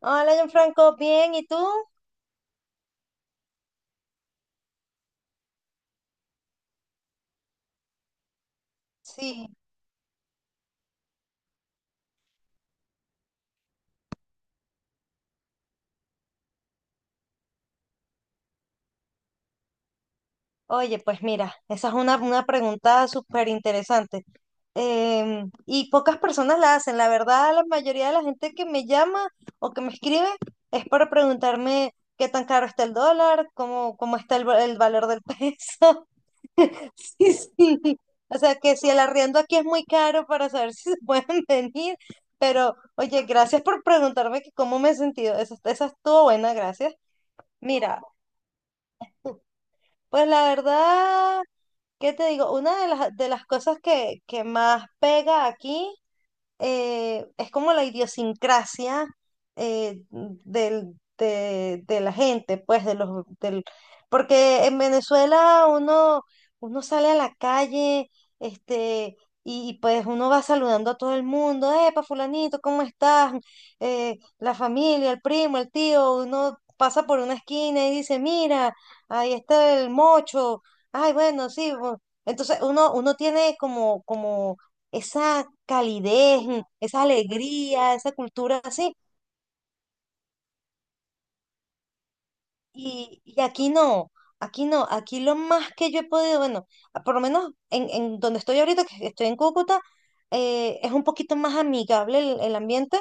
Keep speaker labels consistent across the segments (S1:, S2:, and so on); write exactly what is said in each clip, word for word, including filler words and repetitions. S1: Hola, Gianfranco, bien, ¿y tú? Sí. Oye, pues mira, esa es una, una pregunta súper interesante. Em, y pocas personas la hacen. La verdad, la mayoría de la gente que me llama o que me escribe es para preguntarme qué tan caro está el dólar, cómo, cómo está el, va- el valor del peso. Sí, sí. O sea, que si el arriendo aquí es muy caro para saber si se pueden venir. Pero, oye, gracias por preguntarme que cómo me he sentido. Esa, esa estuvo buena, gracias. Mira, pues la verdad, ¿qué te digo? Una de las, de las cosas que, que más pega aquí, eh, es como la idiosincrasia eh, del, de, de la gente, pues, de los, del, porque en Venezuela uno, uno sale a la calle, este, y pues uno va saludando a todo el mundo, epa, fulanito, ¿cómo estás? Eh, la familia, el primo, el tío, uno pasa por una esquina y dice, mira, ahí está el mocho, ay, bueno, sí, bu-". Entonces uno, uno tiene como, como esa calidez, esa alegría, esa cultura así. Y, y aquí no, aquí no, aquí lo más que yo he podido, bueno, a- por lo menos en, en donde estoy ahorita, que estoy en Cúcuta. Eh, es un poquito más amigable el, el ambiente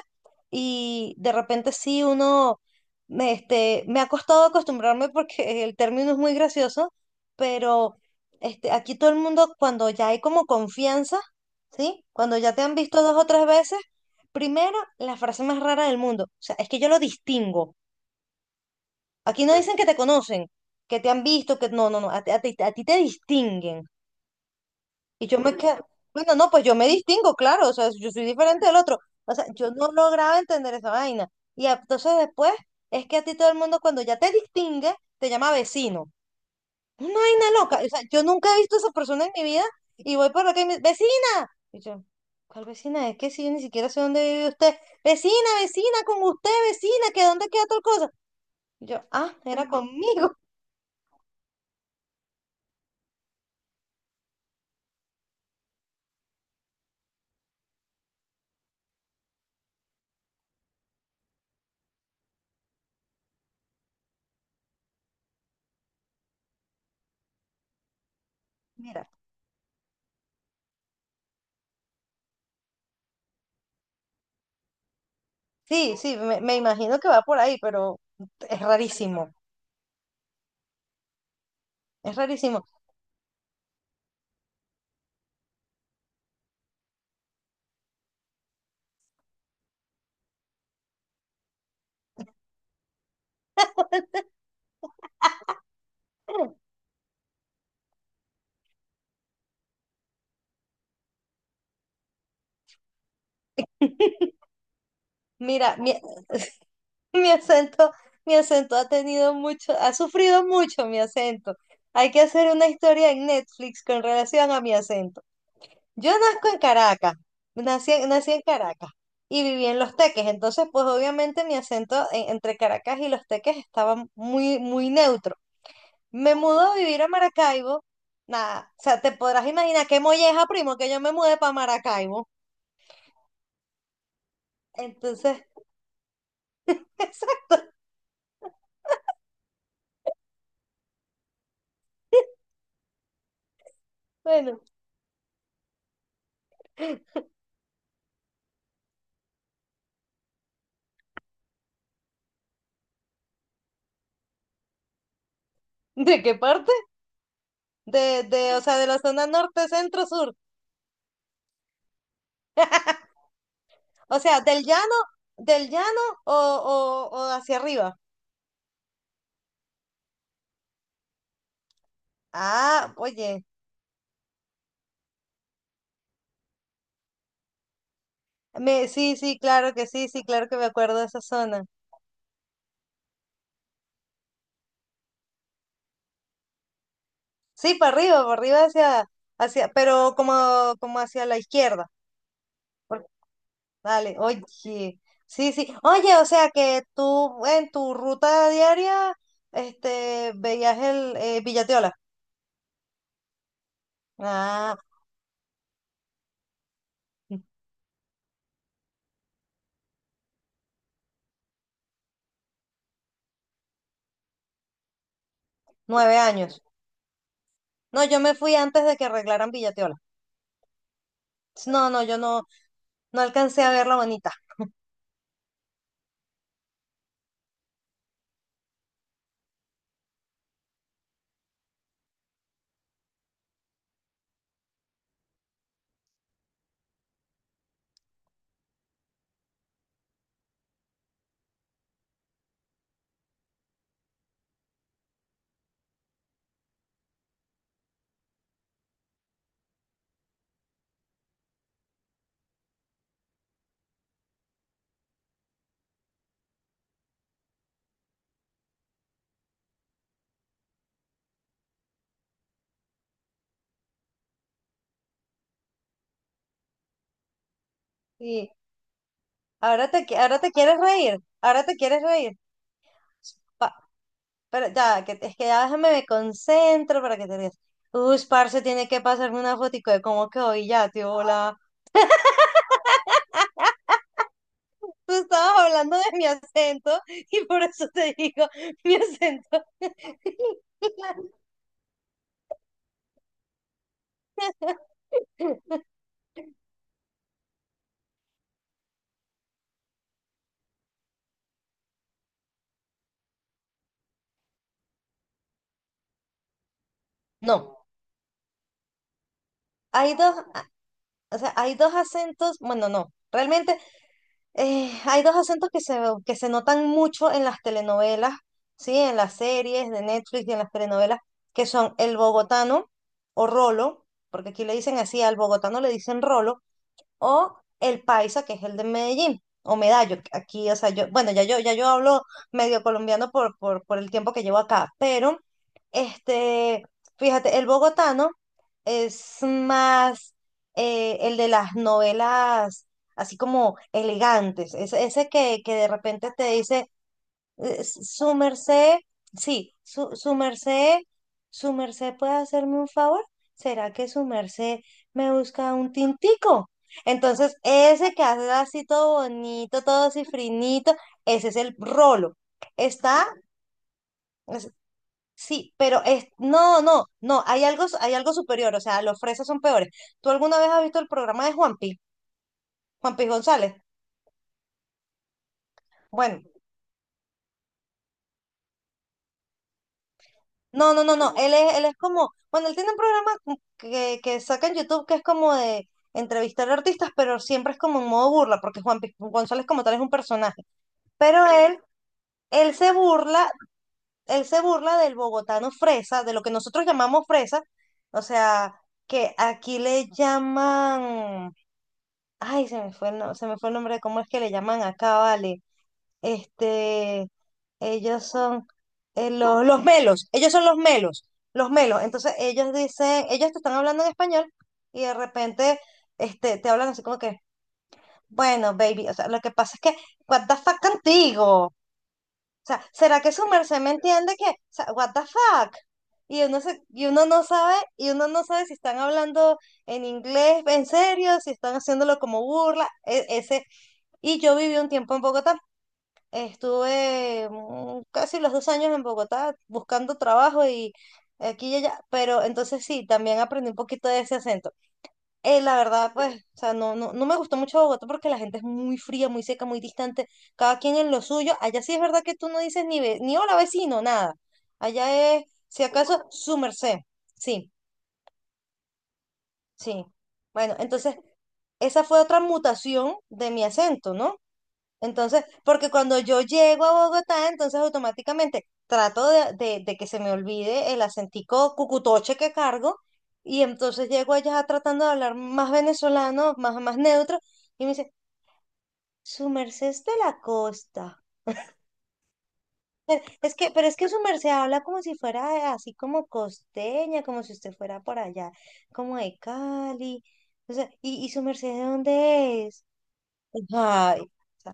S1: y de repente sí uno, me, este, me ha costado acostumbrarme porque el término es muy gracioso, pero, este, aquí todo el mundo cuando ya hay como confianza, ¿sí? Cuando ya te han visto dos o tres veces, primero la frase más rara del mundo, o sea, es que yo lo distingo. Aquí no dicen que te conocen, que te han visto, que no, no, no, a, ti a ti- a ti te distinguen. Y yo me quedo, bueno, no, pues yo me distingo, claro, o sea, yo soy diferente del otro. O sea, yo no lograba entender esa vaina. Y a- entonces después es que a ti todo el mundo cuando ya te distingue, te llama vecino. Una vaina loca. O sea, yo nunca he visto a esa persona en mi vida y voy por acá y me vecina. Y yo, ¿cuál vecina? Es que si yo ni siquiera sé dónde vive usted. Vecina, vecina, con usted, vecina, que dónde queda tal cosa. Y yo, ah, era conmigo. Mira. Sí, sí, me, me imagino que va por ahí, pero es rarísimo, es rarísimo. Mira, mi, mi acento, mi acento ha tenido mucho, ha sufrido mucho mi acento. Hay que hacer una historia en Netflix con relación a mi acento. Yo nazco en Caracas, nací, en- nací en Caracas y viví en Los Teques, entonces pues obviamente mi acento en- entre Caracas y Los Teques estaba muy, muy neutro. Me mudo a vivir a Maracaibo. Nada, o sea, te podrás imaginar qué molleja, primo, que yo me mudé para Maracaibo. Entonces, exacto. Bueno, ¿de qué parte? De, de, o sea, de la zona norte, centro, sur. O sea, del llano, del llano o, o, o hacia arriba. Ah, oye, me, sí, sí, claro que sí, sí, claro que me acuerdo de esa zona. Sí, para arriba, para arriba hacia, hacia, pero como, como hacia la izquierda. Dale, oye, sí, sí. Oye, o sea que tú en tu ruta diaria, este, veías el eh, Villatiola. Ah, nueve años. No, yo me fui antes de que arreglaran Villatiola. No, no, yo no, no alcancé a ver la bonita. Y ahora te, qui- ahora te quieres reír, ahora te quieres reír. Pa- pero ya, que, es que ya déjame me concentro para que te rías. Uy, parce, tiene que pasarme una fotico de cómo quedó ya, tío, hola. Tú estabas hablando de mi acento y por eso te digo mi acento. No, hay dos, a- o sea, hay dos acentos, bueno, no, realmente eh, hay dos acentos que se, que se notan mucho en las telenovelas, ¿sí? En las series de Netflix y en las telenovelas, que, son el bogotano o rolo, porque aquí le dicen así, al bogotano le dicen rolo, o el paisa, que es el de Medellín, o Medallo, que aquí, o sea, yo, bueno, ya yo, ya yo hablo medio colombiano por, por, por el tiempo que llevo acá, pero, este, fíjate, el bogotano es más, eh, el de las novelas, así como elegantes, ese ese que, que de repente te dice, eh, su merced. Sí, su, su merced, su merced puede hacerme un favor. ¿Será que su merced me busca un tintico? Entonces, ese que hace así todo bonito, todo cifrinito, ese es el rolo. Está, es- sí, pero es, no, no, no, hay algo, hay algo superior, o sea, los fresas son peores. ¿Tú alguna vez has visto el programa de Juanpi, Juanpi González? Bueno. No, no, no, no. Él es, él es como, bueno, él tiene un programa como que, que saca en YouTube que es como de entrevistar artistas, pero siempre es como en modo burla, porque Juan Pi- González como tal es un personaje. Pero él, él se burla, él se burla del bogotano fresa, de lo que nosotros llamamos fresa, o sea, que aquí le llaman, ay, se me fue el, no- se me fue el nombre de cómo es que le llaman acá, vale. Este, ellos son, eh, los, los melos, ellos son los melos, los melos. Entonces ellos dicen, ellos te están hablando en español y de repente, este, te hablan así como que, bueno, baby, o sea, lo que pasa es que, what the fuck contigo. O sea, ¿será que su merced me entiende que, o sea, what the fuck? Y uno, se- y uno no sabe, y uno no sabe si están hablando en inglés, en serio, si están haciéndolo como burla, e- ese. Y yo viví un tiempo en Bogotá. Estuve mm, casi los dos años en Bogotá buscando trabajo y aquí y allá, pero entonces sí, también aprendí un poquito de ese acento. Eh, la verdad, pues, o sea, no, no, no me gustó mucho Bogotá porque la gente es muy fría, muy seca, muy distante, cada quien en lo suyo. Allá sí es verdad que tú no dices ni, ve- ni hola vecino, nada. Allá es, si acaso, su merced. Sí, sí. Bueno, entonces, esa fue otra mutación de mi acento, ¿no? Entonces, porque cuando yo llego a Bogotá, entonces automáticamente trato de, de- de que se me olvide el acentico cucutoche que cargo y entonces llego allá tratando de hablar más venezolano, más, más neutro y me dice, su merced es de la costa. Es que, pero es que su merced habla como si fuera así como costeña, como si usted fuera por allá, como de Cali. O sea, ¿y, y su merced de dónde es? Ay, o sea,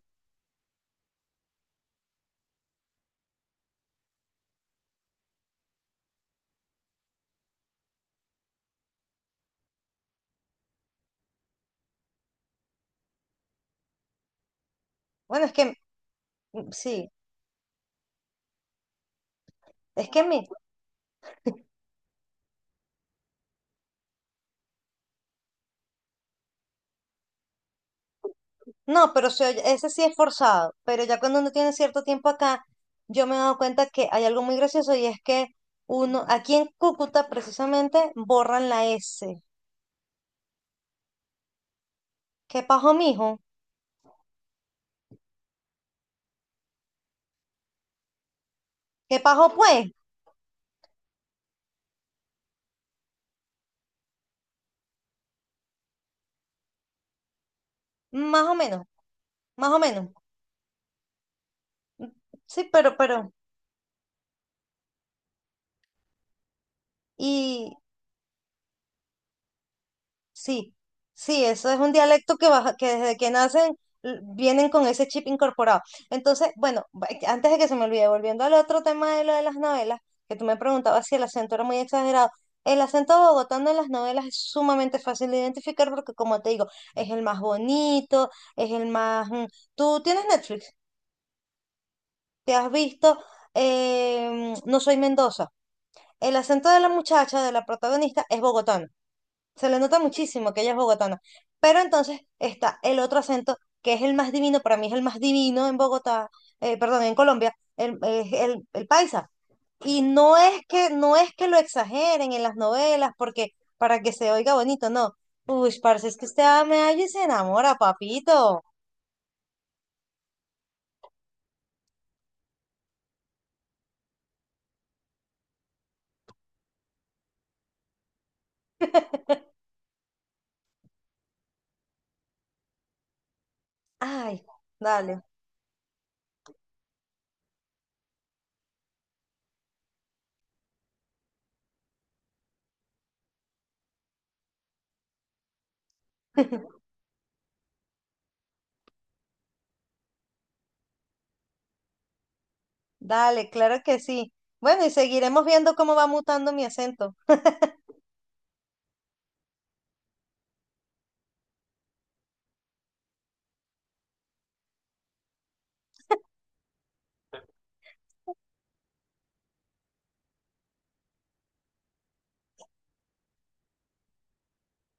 S1: bueno, es que mm, sí, es que mi. No, pero se oye- ese sí es forzado, pero ya cuando uno tiene cierto tiempo acá, yo me he dado cuenta que hay algo muy gracioso y es que uno, aquí en Cúcuta precisamente, borran la S. ¿Qué pajo, mijo? ¿Qué pajo, pues? Más o menos, más o menos. Sí, pero, pero, y sí, sí, eso es un dialecto que, baja- que desde que nacen, l- vienen con ese chip incorporado. Entonces, bueno, va- eh, antes de que se me olvide, volviendo al otro tema de lo de las novelas, que tú me preguntabas si el acento era muy exagerado. El acento bogotano en las novelas es sumamente fácil de identificar porque, como te digo, es el más bonito, es el más... mm. Tú tienes Netflix, te has visto, eh, No soy Mendoza. El acento de la muchacha, de la protagonista, es bogotano, se le nota muchísimo que ella es bogotana. Pero entonces está el otro acento que es el más divino, para mí es el más divino en Bogotá, eh, perdón, en Colombia, el, es el, el paisa. Y no es que, no es que lo exageren en las novelas, porque para que se oiga bonito, no. Uy, parce, es que usted me halla y se enamora, papito. Ay, dale, dale, claro que sí. Bueno, y seguiremos viendo cómo va mutando mi acento.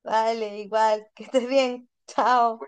S1: Dale, igual, que estés bien. Chao.